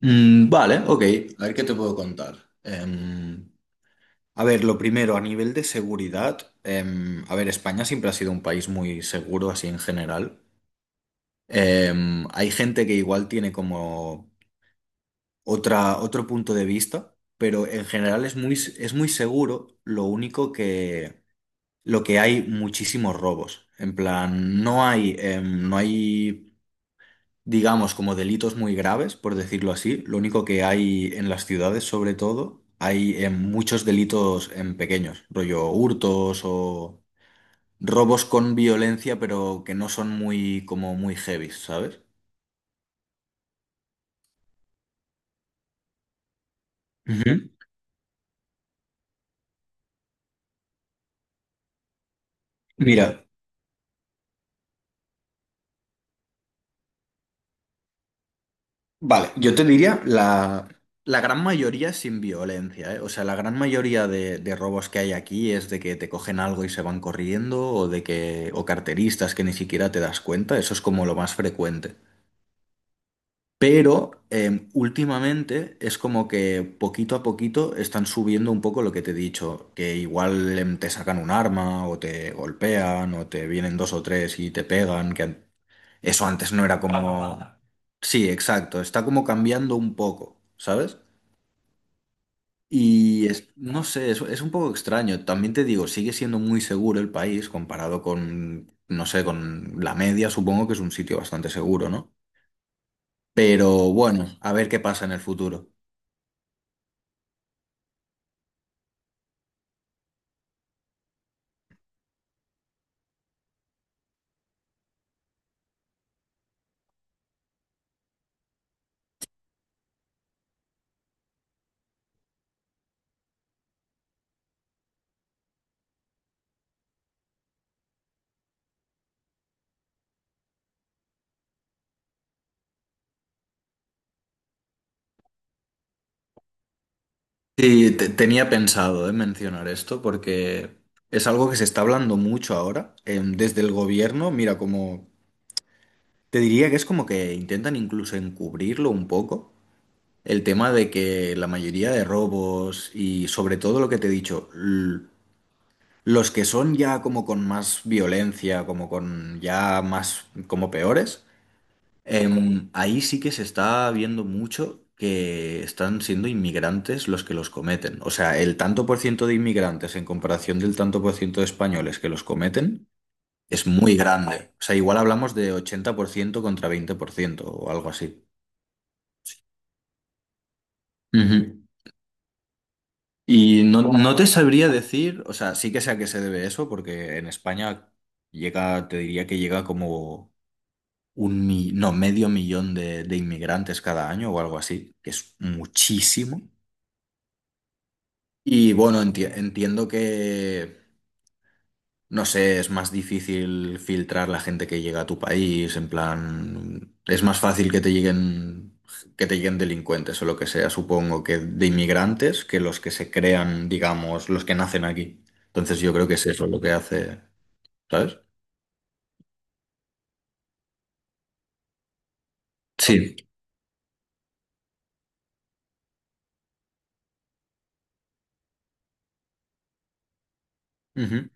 Vale, ok. A ver qué te puedo contar. Em, a ver, lo primero, a nivel de seguridad, a ver, España siempre ha sido un país muy seguro, así en general. Hay gente que igual tiene como otro punto de vista, pero en general es muy seguro. Lo que hay muchísimos robos. En plan, no hay digamos, como delitos muy graves, por decirlo así. Lo único que hay en las ciudades, sobre todo, hay muchos delitos en pequeños, rollo hurtos o robos con violencia, pero que no son muy, como muy heavy, ¿sabes? Ujú. Mira, vale, yo te diría la gran mayoría sin violencia, ¿eh? O sea, la gran mayoría de robos que hay aquí es de que te cogen algo y se van corriendo, o carteristas que ni siquiera te das cuenta, eso es como lo más frecuente. Pero últimamente es como que poquito a poquito están subiendo un poco lo que te he dicho, que igual te sacan un arma o te golpean o te vienen dos o tres y te pegan, eso antes no era como mata. Sí, exacto, está como cambiando un poco, ¿sabes? No sé, es un poco extraño. También te digo, sigue siendo muy seguro el país comparado con, no sé, con la media, supongo que es un sitio bastante seguro, ¿no? Pero bueno, a ver qué pasa en el futuro. Sí, tenía pensado, mencionar esto porque es algo que se está hablando mucho ahora, desde el gobierno. Mira, como te diría que es como que intentan incluso encubrirlo un poco, el tema de que la mayoría de robos y sobre todo lo que te he dicho, los que son ya como con más violencia, como con ya más, como peores. Ahí sí que se está viendo mucho que están siendo inmigrantes los que los cometen. O sea, el tanto por ciento de inmigrantes en comparación del tanto por ciento de españoles que los cometen es muy grande. O sea, igual hablamos de 80% contra 20% o algo así. Ujú. Y no te sabría decir, o sea, sí que sé a qué se debe eso, porque en España llega, te diría que llega como un, mi- no, medio millón de inmigrantes cada año o algo así, que es muchísimo. Y bueno, entiendo que, no sé, es más difícil filtrar la gente que llega a tu país, en plan, es más fácil que te lleguen delincuentes o lo que sea, supongo, que de inmigrantes, que los que se crean, digamos, los que nacen aquí. Entonces yo creo que es eso lo que hace, ¿sabes? Sí. Ujú.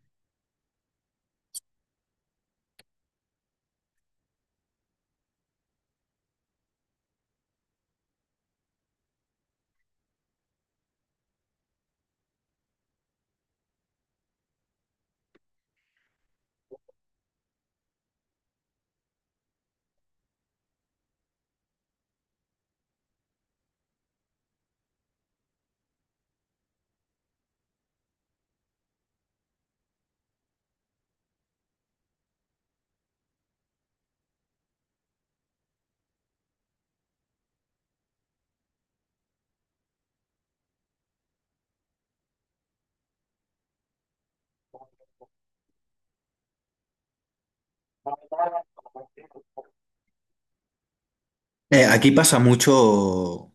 Aquí pasa mucho.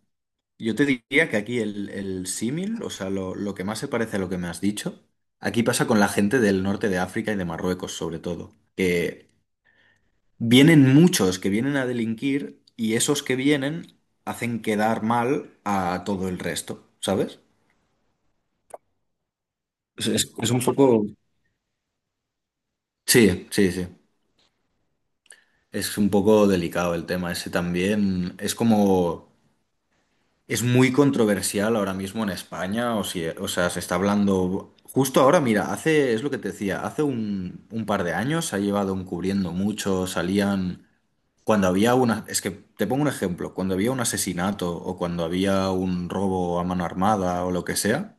Yo te diría que aquí el símil, o sea, lo que más se parece a lo que me has dicho, aquí pasa con la gente del norte de África y de Marruecos, sobre todo, que vienen muchos que vienen a delinquir y esos que vienen hacen quedar mal a todo el resto, ¿sabes? Es un poco... Sí, sí, sí. Es un poco delicado el tema ese también. Es como... Es muy controversial ahora mismo en España, o, si- o sea, se está hablando justo ahora, mira, hace, es lo que te decía, hace un par de años se ha llevado encubriendo mucho, salían, cuando había una, es que te pongo un ejemplo, cuando había un asesinato o cuando había un robo a mano armada o lo que sea,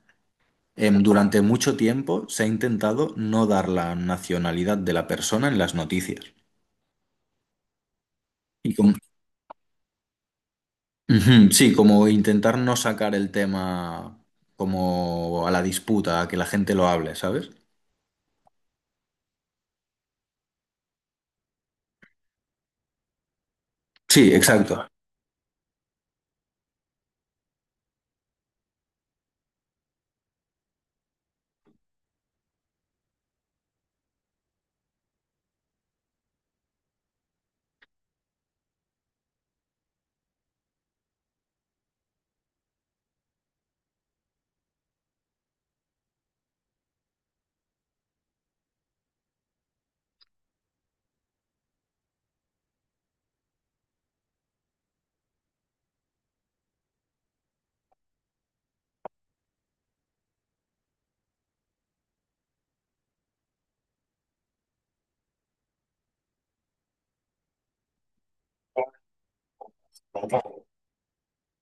durante mucho tiempo se ha intentado no dar la nacionalidad de la persona en las noticias. Y con, ujú, sí, como intentar no sacar el tema como a la disputa, a que la gente lo hable, ¿sabes? Sí, exacto.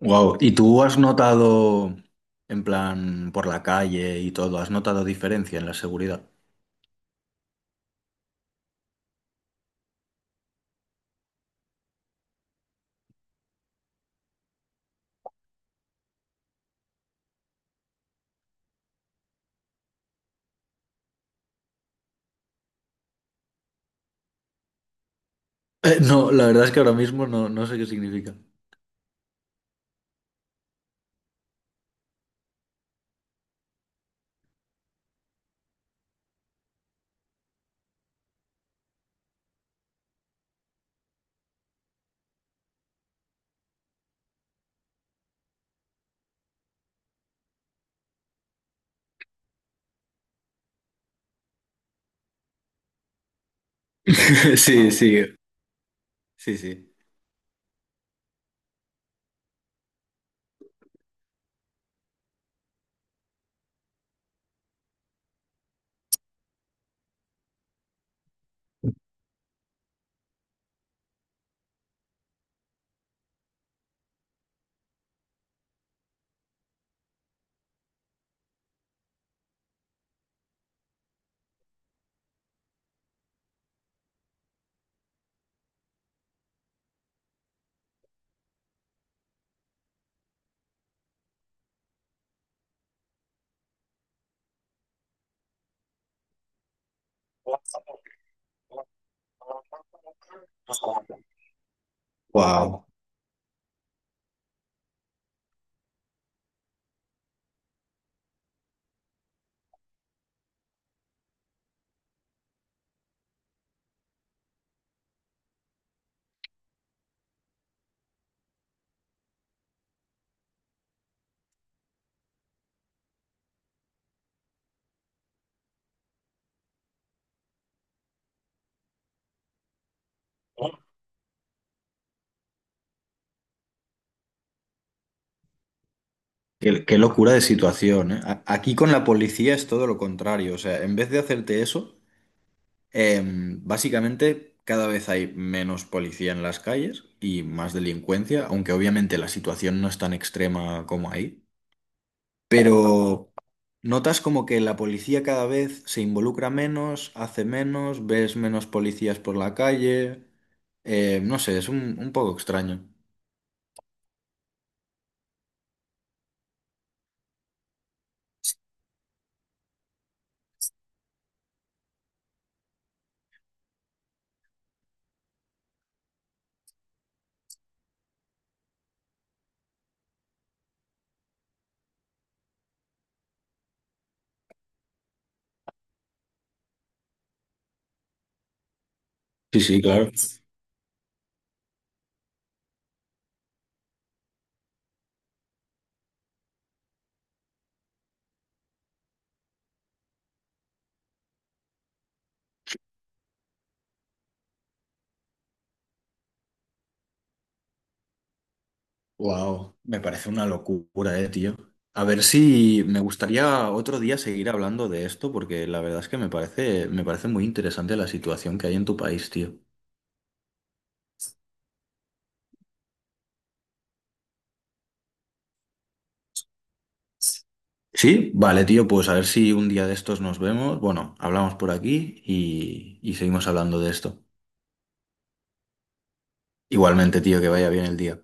Wow. ¿Y tú has notado, en plan, por la calle y todo, has notado diferencia en la seguridad? No, la verdad es que ahora mismo no, no sé qué significa. Sí, sí, sí, sí. Wow. Qué, qué locura de situación, ¿eh? Aquí con la policía es todo lo contrario. O sea, en vez de hacerte eso, básicamente, cada vez hay menos policía en las calles y más delincuencia, aunque obviamente la situación no es tan extrema como ahí. Pero notas como que la policía cada vez se involucra menos, hace menos, ves menos policías por la calle. No sé, es un poco extraño. Sí, sí, claro. Wow, me parece una locura, tío. A ver si me gustaría otro día seguir hablando de esto, porque la verdad es que me parece muy interesante la situación que hay en tu país, tío. Sí, vale, tío, pues a ver si un día de estos nos vemos. Bueno, hablamos por aquí y seguimos hablando de esto. Igualmente, tío, que vaya bien el día.